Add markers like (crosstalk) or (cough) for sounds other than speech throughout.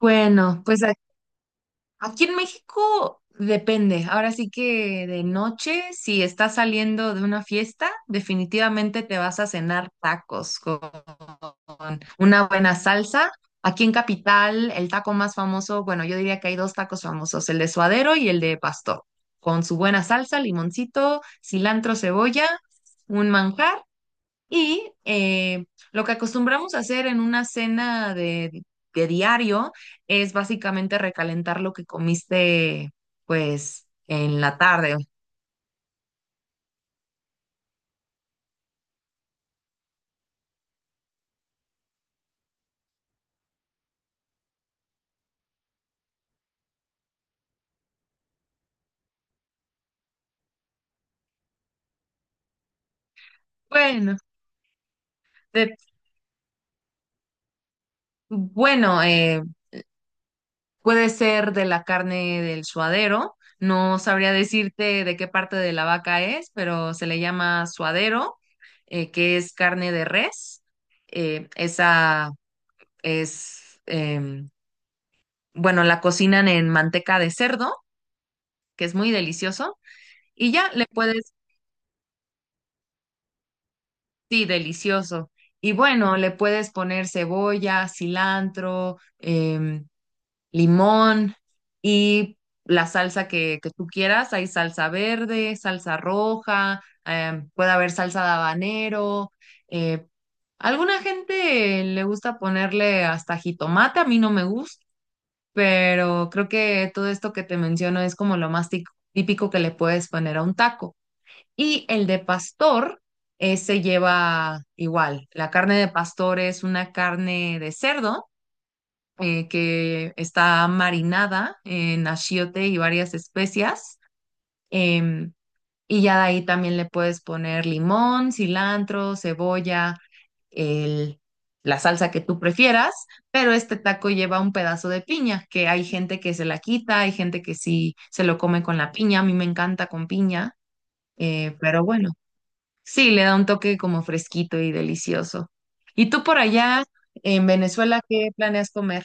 Bueno, pues aquí en México depende. Ahora sí que de noche, si estás saliendo de una fiesta, definitivamente te vas a cenar tacos con una buena salsa. Aquí en Capital, el taco más famoso, bueno, yo diría que hay dos tacos famosos, el de suadero y el de pastor, con su buena salsa, limoncito, cilantro, cebolla, un manjar. Y eh, lo que acostumbramos a hacer en una cena de diario es básicamente recalentar lo que comiste, pues, en la tarde. Bueno, de- bueno, puede ser de la carne del suadero. No sabría decirte de qué parte de la vaca es, pero se le llama suadero, que es carne de res. Esa es, bueno, la cocinan en manteca de cerdo que es muy delicioso, y ya le puedes, sí, delicioso. Y bueno, le puedes poner cebolla, cilantro, limón y la salsa que tú quieras. Hay salsa verde, salsa roja, puede haber salsa de habanero. eh, Alguna gente le gusta ponerle hasta jitomate, a mí no me gusta, pero creo que todo esto que te menciono es como lo más típico que le puedes poner a un taco. Y el de pastor se lleva igual. La carne de pastor es una carne de cerdo que está marinada en achiote y varias especias. em, y ya de ahí también le puedes poner limón, cilantro, cebolla, el- la salsa que tú prefieras, pero este taco lleva un pedazo de piña, que hay gente que se la quita, hay gente que sí se lo come con la piña, a mí me encanta con piña, pero bueno. Sí, le da un toque como fresquito y delicioso. ¿Y tú por allá en Venezuela qué planeas comer?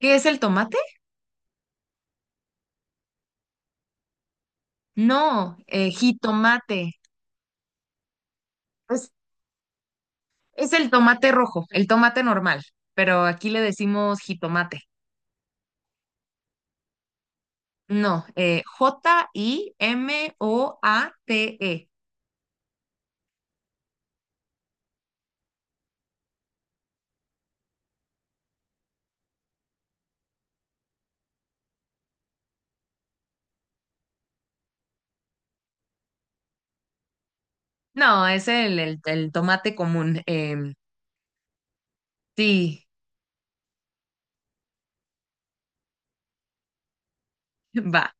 ¿Qué es el tomate? No, jitomate. Es, es el tomate rojo, el tomate normal, pero aquí le decimos jitomate. No, J-I-M-O-A-T-E. No, es el tomate común. Sí, (laughs) va.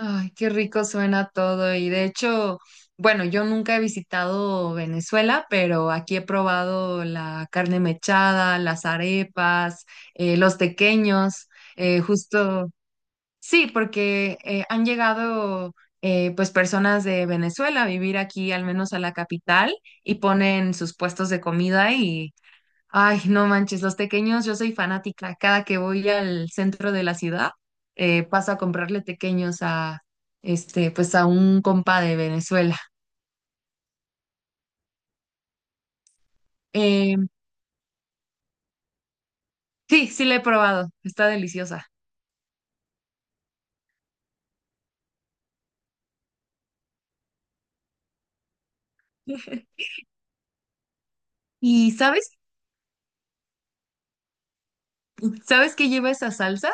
Ay, qué rico suena todo. Y de hecho, bueno, yo nunca he visitado Venezuela, pero aquí he probado la carne mechada, las arepas, los tequeños, justo, sí, porque han llegado pues personas de Venezuela a vivir aquí, al menos a la capital, y ponen sus puestos de comida. Ay, no manches, los tequeños, yo soy fanática. Cada que voy al centro de la ciudad, paso a comprarle tequeños a, este, pues a un compa de Venezuela. Eh, sí, sí la he probado, está deliciosa. (laughs) ¿Y sabes qué lleva esa salsa?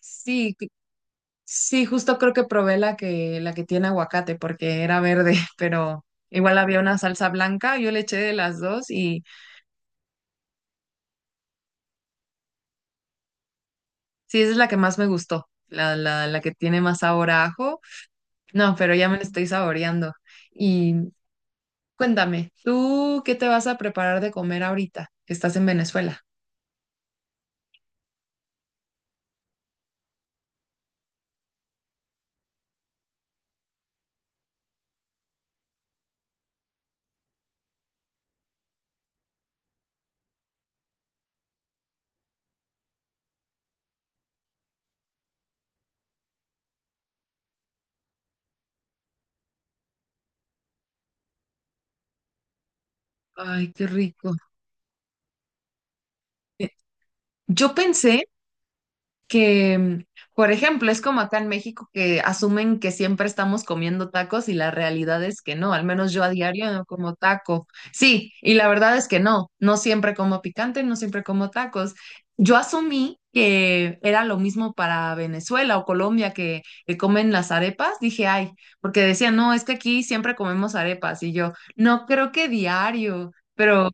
Sí, sí, justo creo que probé la que tiene aguacate porque era verde, (laughs) pero igual había una salsa blanca, yo le eché de las dos y sí, esa es la que más me gustó, la que tiene más sabor a ajo. No, pero ya me lo estoy saboreando. Y cuéntame, ¿tú qué te vas a preparar de comer ahorita? Estás en Venezuela. Ay, qué rico. Eh, Yo pensé que, por ejemplo, es como acá en México que asumen que siempre estamos comiendo tacos y la realidad es que no, al menos yo a diario no como taco. Sí, y la verdad es que no, no siempre como picante, no siempre como tacos. Yo asumí que era lo mismo para Venezuela o Colombia que comen las arepas, dije, ay, porque decían, no, es que aquí siempre comemos arepas y yo, no creo que diario, pero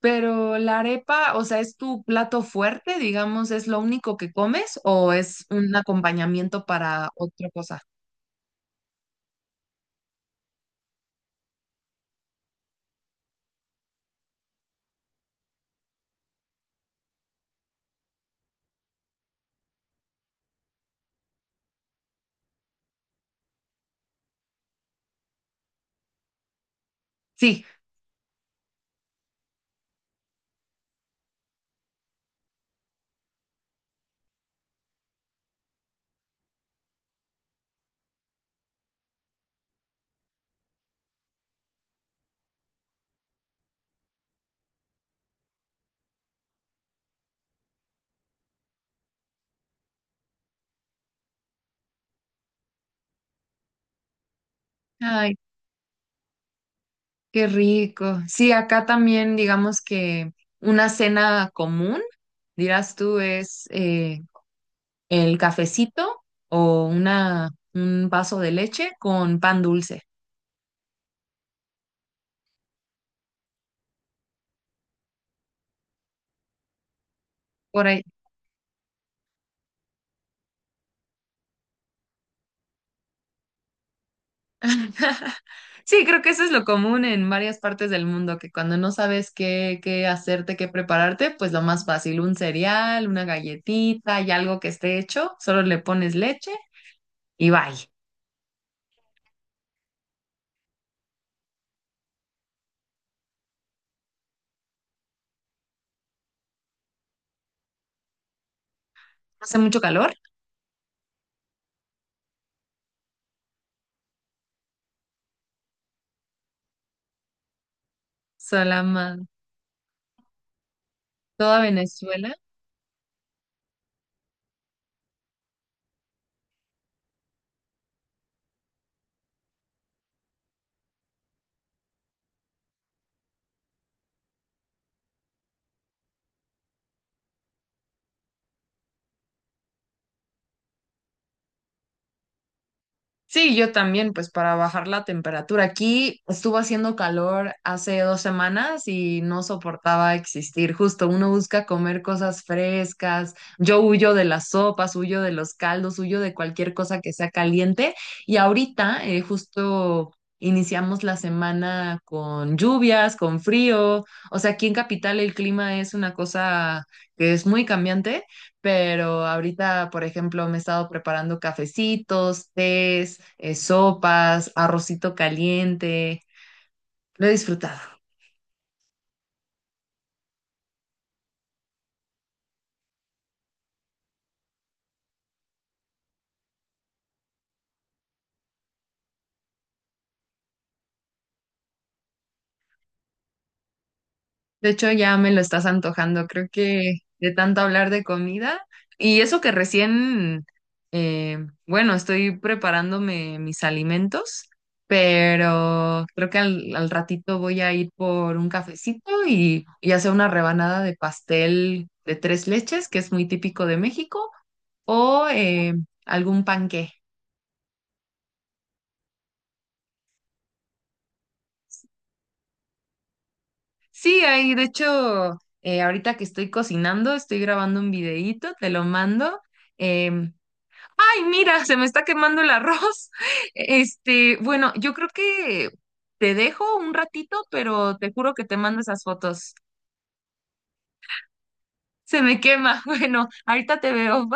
Pero la arepa, o sea, ¿es tu plato fuerte, digamos, es lo único que comes o es un acompañamiento para otra cosa? Sí. Ay, qué rico. Sí, acá también, digamos que una cena común, dirás tú, es el cafecito o un vaso de leche con pan dulce. Por ahí. (laughs) Sí, creo que eso es lo común en varias partes del mundo, que cuando no sabes qué hacerte, qué prepararte, pues lo más fácil, un cereal, una galletita y algo que esté hecho, solo le pones leche y bye. Hace mucho calor, Salama, toda Venezuela. Sí, yo también, pues para bajar la temperatura. Aquí estuvo haciendo calor hace 2 semanas y no soportaba existir. Justo uno busca comer cosas frescas. Yo huyo de las sopas, huyo de los caldos, huyo de cualquier cosa que sea caliente. Y ahorita justo iniciamos la semana con lluvias, con frío. O sea, aquí en Capital el clima es una cosa que es muy cambiante, pero ahorita, por ejemplo, me he estado preparando cafecitos, tés, sopas, arrocito caliente. Lo he disfrutado. De hecho, ya me lo estás antojando. Creo que de tanto hablar de comida y eso que recién, bueno, estoy preparándome mis alimentos, pero creo que al ratito voy a ir por un cafecito y hacer una rebanada de pastel de tres leches, que es muy típico de México o algún panqué. Sí, ahí, de hecho, ahorita que estoy cocinando, estoy grabando un videíto, te lo mando. Em, Ay, mira, se me está quemando el arroz. (laughs) Este, bueno, yo creo que te dejo un ratito, pero te juro que te mando esas fotos. Se me quema. (laughs) Bueno, ahorita te veo.